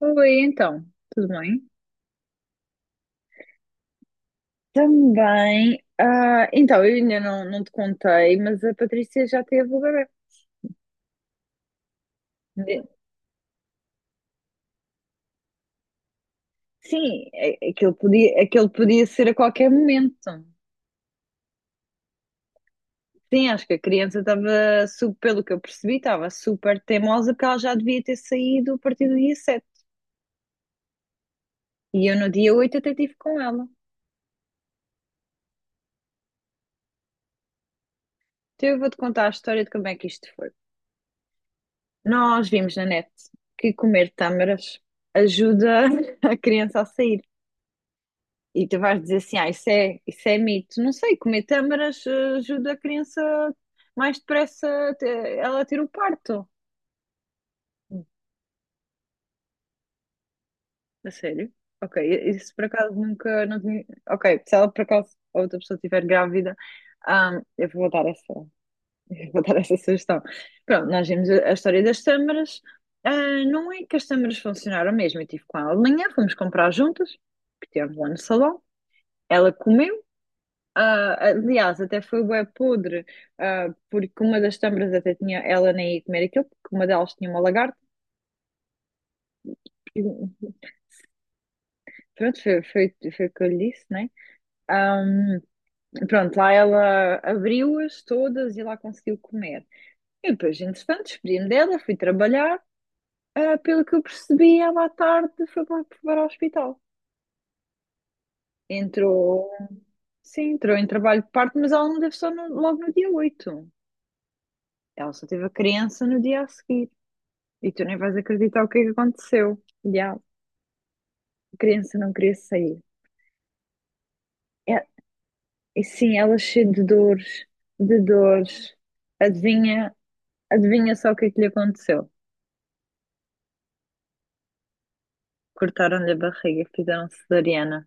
Oi, então, tudo bem? Também, então, eu ainda não te contei, mas a Patrícia já teve o bebê. De- Sim, aquele podia ser a qualquer momento. Sim, acho que a criança estava, pelo que eu percebi, estava super teimosa porque ela já devia ter saído a partir do dia 7. E eu no dia 8 até estive com ela. Então eu vou-te contar a história de como é que isto foi. Nós vimos na net que comer tâmaras ajuda a criança a sair. E tu vais dizer assim, isso é mito. Não sei, comer tâmaras ajuda a criança mais depressa ela a ter o parto. Hum. A sério? Ok, isso por acaso nunca, não tinha. Ok, se ela por acaso a outra pessoa estiver grávida, ah, eu vou dar essa, eu vou dar essa sugestão. Pronto, nós vimos a história das tâmaras. Ah, não é que as tâmaras funcionaram mesmo, eu estive com ela de manhã, fomos comprar juntas, que tínhamos lá no salão. Ela comeu. Ah, aliás, até foi bué podre, porque uma das câmaras até tinha, ela nem ia comer aquilo, porque uma delas tinha uma lagarta, e pronto, foi o que eu lhe disse, né? Ahm, Pronto, lá ela abriu-as todas e lá conseguiu comer. E depois, entretanto, despedi-me dela, fui trabalhar, pelo que eu percebi, ela à tarde foi para, o hospital. Entrou, sim, entrou em trabalho de parto, mas ela não teve só logo no dia 8. Ela só teve a criança no dia a seguir. E tu nem vais acreditar o que é que aconteceu. E a criança não queria sair. É- e sim, ela é cheia de dores, de dores. Adivinha, adivinha só o que é que lhe aconteceu? Cortaram-lhe a barriga, fizeram cesariana.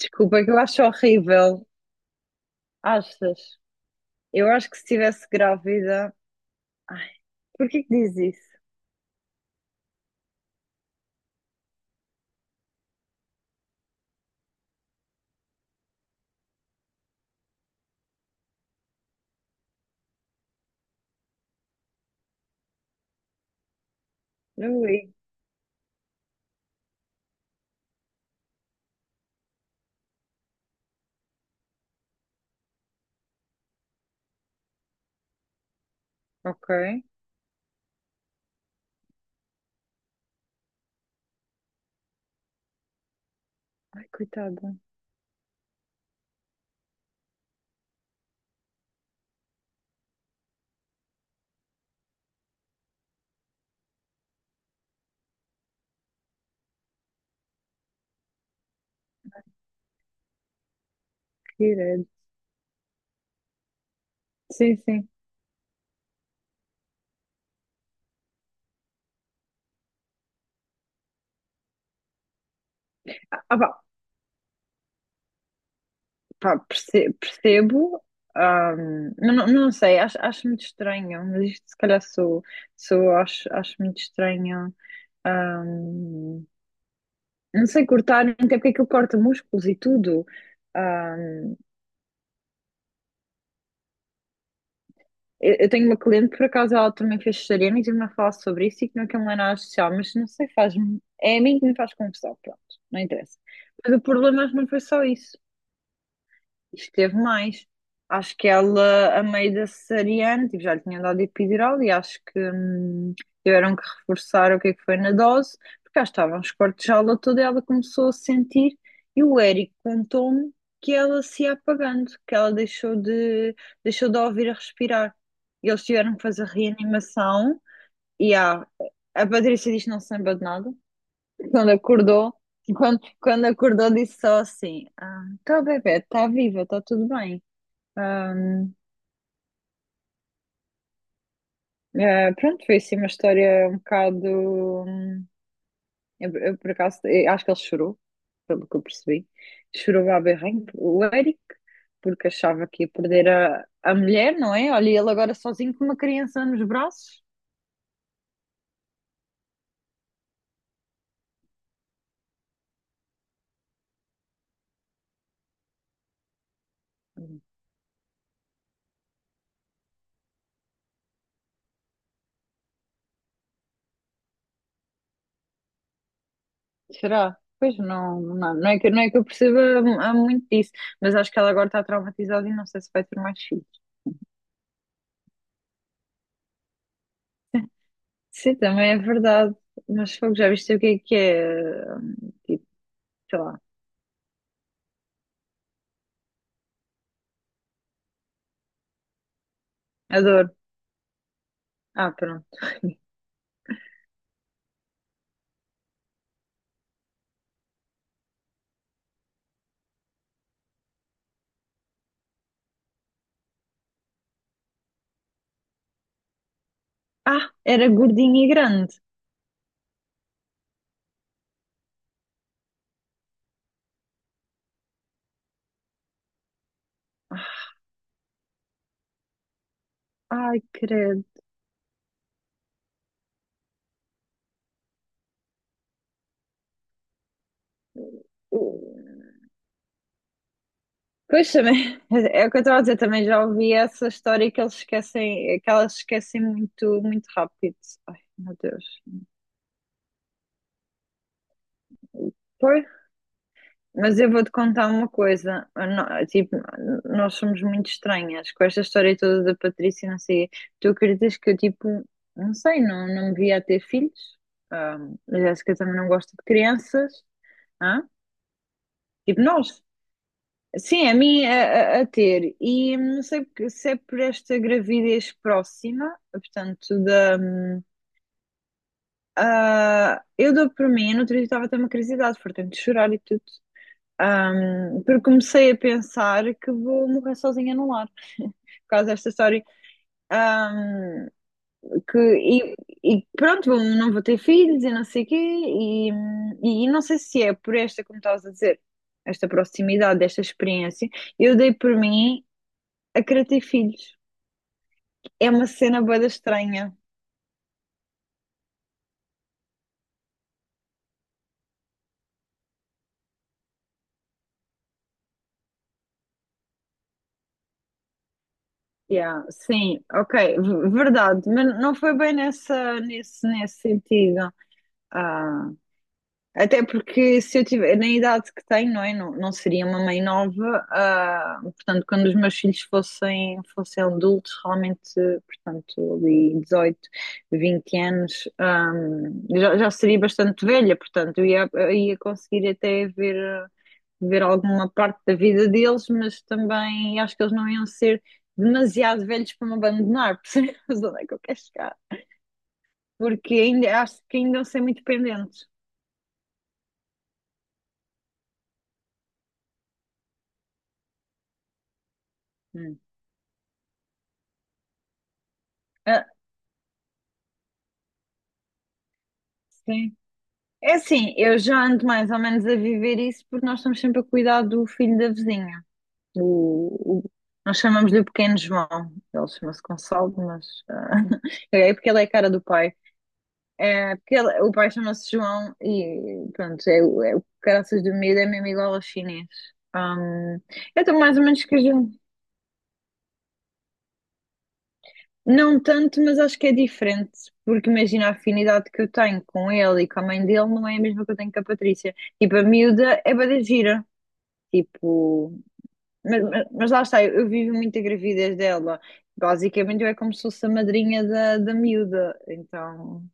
Desculpa, que eu acho horrível. Achas? Eu acho que se estivesse grávida. Ai, porquê que diz isso? Não li. Ok. Ai, coitada. Que irado. Sim, sim. Ah, pá. Percebo, mas não sei, acho muito estranho, mas isto se calhar sou acho muito estranho. ahm, não sei cortar, até porque aquilo corta músculos e tudo. Ahm, eu tenho uma cliente, por acaso, ela também fez cesariana e tive-me a falar sobre isso e que não é nada social, mas não sei, faz-me, é a mim que me faz confusão, pronto, não interessa. Mas o problema não foi só isso. Esteve mais. Acho que ela, a meio da cesariana, tipo, já lhe tinha dado epidural e acho que tiveram que reforçar o que é que foi na dose, porque já estavam os cortes de aula toda e ela começou a sentir. E o Eric contou-me que ela se ia apagando, que ela deixou de a ouvir a respirar. E eles tiveram que fazer reanimação e a Patrícia disse que não se lembra de nada. Quando acordou, quando acordou, disse só assim, tá bebê, está viva, está tudo bem. Ahm, pronto, foi assim uma história um bocado. Eu, por acaso, eu acho que ele chorou, pelo que eu percebi. Chorou à berrinho, o Eric, porque achava que ia perder a mulher, não é? Olha, ele agora sozinho com uma criança nos braços. Será? Pois não, não é que eu perceba há muito disso, mas acho que ela agora está traumatizada e não sei se vai ter mais filhos. Sim, também é verdade, mas fogo, já viste o que é, tipo, sei lá, a dor. Ah, pronto. Ah, era gordinho e grande. Ai, credo. Pois também, é o que eu estava a dizer, também já ouvi essa história que eles esquecem, que elas esquecem muito, muito rápido. Ai, meu Deus. Pois, mas eu vou-te contar uma coisa. Eu não- Tipo, nós somos muito estranhas com esta história toda da Patrícia, e não sei. Tu acreditas que eu, tipo, não sei, não me via a ter filhos? Ah, a Jéssica também não gosta de crianças. Hã? Tipo, nós. Sim, a mim a ter. E não sei se é por esta gravidez próxima, portanto, da. Eu dou por mim, eu no outro dia estava a ter uma curiosidade, portanto, de chorar e tudo. Porque comecei a pensar que vou morrer sozinha num lar, por causa desta história. Hum, que, e, e pronto, não vou ter filhos e não sei o quê, e não sei se é por esta, como estavas a dizer, esta proximidade, esta experiência. Eu dei por mim a querer ter filhos. É uma cena bué da estranha. Yeah, sim, ok, verdade, mas não foi bem nesse sentido. Ah, até porque se eu tiver, na idade que tenho, não é? Não seria uma mãe nova, portanto, quando os meus filhos fossem adultos, realmente, portanto, ali 18, 20 anos, já seria bastante velha, portanto, eu ia conseguir até ver alguma parte da vida deles, mas também acho que eles não iam ser demasiado velhos para me abandonar, percebes onde é que eu quero chegar? Porque ainda acho que ainda iam ser muito dependentes. Hum. Ah, sim. É assim, eu já ando mais ou menos a viver isso porque nós estamos sempre a cuidar do filho da vizinha. O, o- nós chamamos-lhe o pequeno João. Ele chama-se Gonçalo, mas é porque ele é a cara do pai. É, porque o pai chama-se João e pronto, é, o caraças do medo é mesmo igual ao chinês. Hum, eu estou mais ou menos que a João. Não tanto, mas acho que é diferente, porque imagina a afinidade que eu tenho com ele e com a mãe dele não é a mesma que eu tenho com a Patrícia. Tipo, a miúda é bué da gira, tipo, mas lá está, eu vivo muito a gravidez dela. Basicamente, eu é como se fosse a madrinha da miúda, então,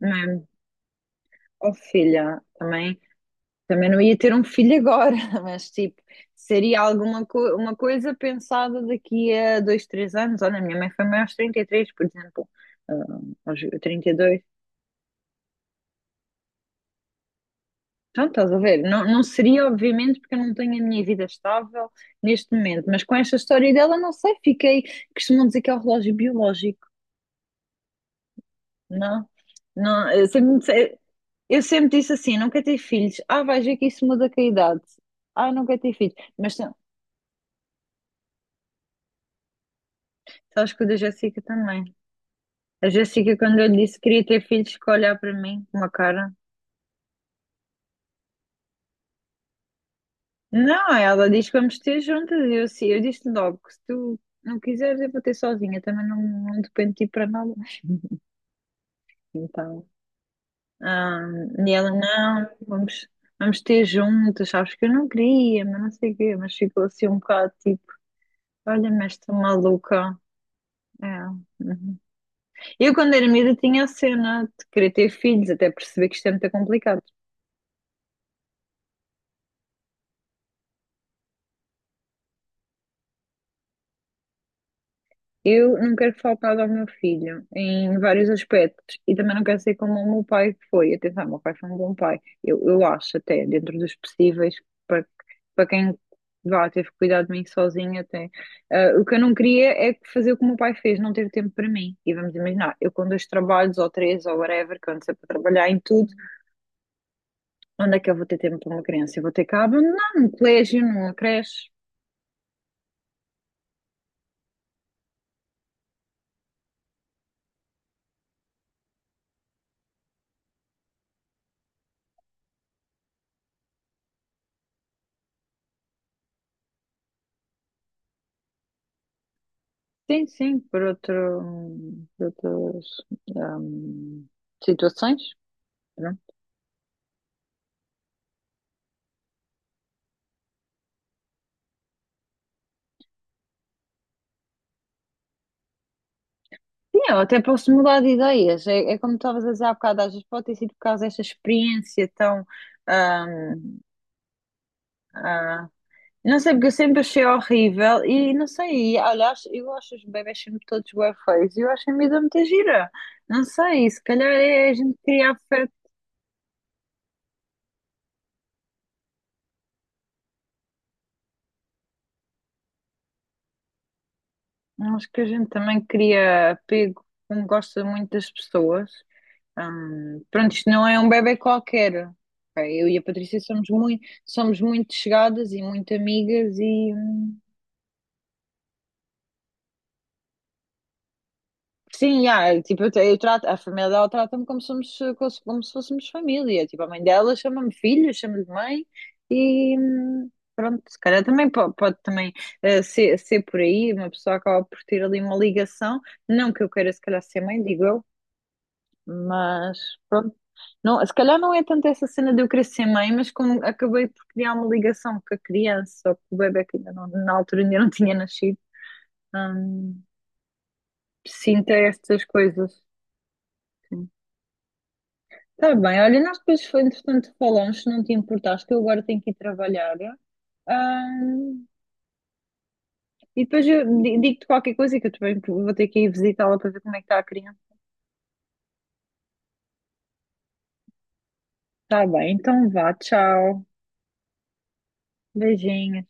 não é? Oh, filha, também. Também não ia ter um filho agora, mas tipo, seria alguma co uma coisa pensada daqui a 2, 3 anos. Olha, a minha mãe foi mãe aos 33 por exemplo, ah, aos 32. Então, estás a ver? Não seria, obviamente, porque eu não tenho a minha vida estável neste momento, mas com esta história dela, não sei, fiquei. Costumam dizer que é o relógio biológico, não? Não, eu sempre disse assim: não quero ter filhos. Ah, vais ver que isso muda com a idade. Ah, não quero ter filhos. Mas sabes que o da Jéssica também. A Jéssica, quando eu lhe disse que queria ter filhos, ficou a olhar para mim com uma cara. Não, ela diz que vamos ter juntas. E eu, sim, eu disse logo que se tu não quiseres, eu vou ter sozinha. Também não dependo de ti para nada. Então, ah, e ela, não, vamos ter juntas. Sabes que eu não queria, mas não sei o quê. Mas ficou assim um bocado tipo, olha, mas esta maluca. É. Uhum. Eu, quando era miúda, tinha a cena de querer ter filhos, até perceber que isto é muito complicado. Eu não quero faltar ao meu filho em vários aspectos e também não quero ser como o meu pai foi. Atenção, o meu pai foi um bom pai. Eu acho até, dentro dos possíveis, para, para, quem vá, teve que cuidar de mim sozinho até. Ah, o que eu não queria é fazer o que o meu pai fez, não ter tempo para mim. E vamos imaginar, eu com dois trabalhos ou três ou whatever, que eu ando sempre a trabalhar em tudo, onde é que eu vou ter tempo para uma criança? Eu vou ter que a abandonar num colégio, numa creche. Sim, sim, por outras hum, situações. Pronto. Sim, eu até posso mudar de ideias. É como estavas a dizer há bocado, às vezes pode ter sido por causa desta experiência tão. hum, ah, não sei, porque eu sempre achei horrível e não sei. E, olha, eu acho os bebés sempre todos bué feios e eu acho a vida muita gira. Não sei, se calhar é a gente criar afeto. Acho que a gente também cria apego, como gosta muito das pessoas. Pronto, isto não é um bebé qualquer. Pá, eu e a Patrícia somos muito chegadas e muito amigas e sim, já, tipo, eu trato, a família dela trata-me como somos, como se fôssemos família. Tipo, a mãe dela chama-me filha, chama-me mãe e pronto, se calhar também pode, também ser por aí, uma pessoa acaba por ter ali uma ligação, não que eu queira se calhar ser mãe, digo eu. Mas pronto, não, se calhar não é tanto essa cena de eu querer ser mãe, mas como acabei por criar uma ligação com a criança, ou com o bebé que ainda não, na altura ainda não tinha nascido, hum, sinto estas coisas. Sim. Tá bem, olha, nós depois foi entretanto falamos, se não te importaste, que eu agora tenho que ir trabalhar. hum, e depois eu digo-te qualquer coisa, que eu também vou ter que ir visitá-la para ver como é que está a criança. Tá bem, então vá, tchau. Beijinho.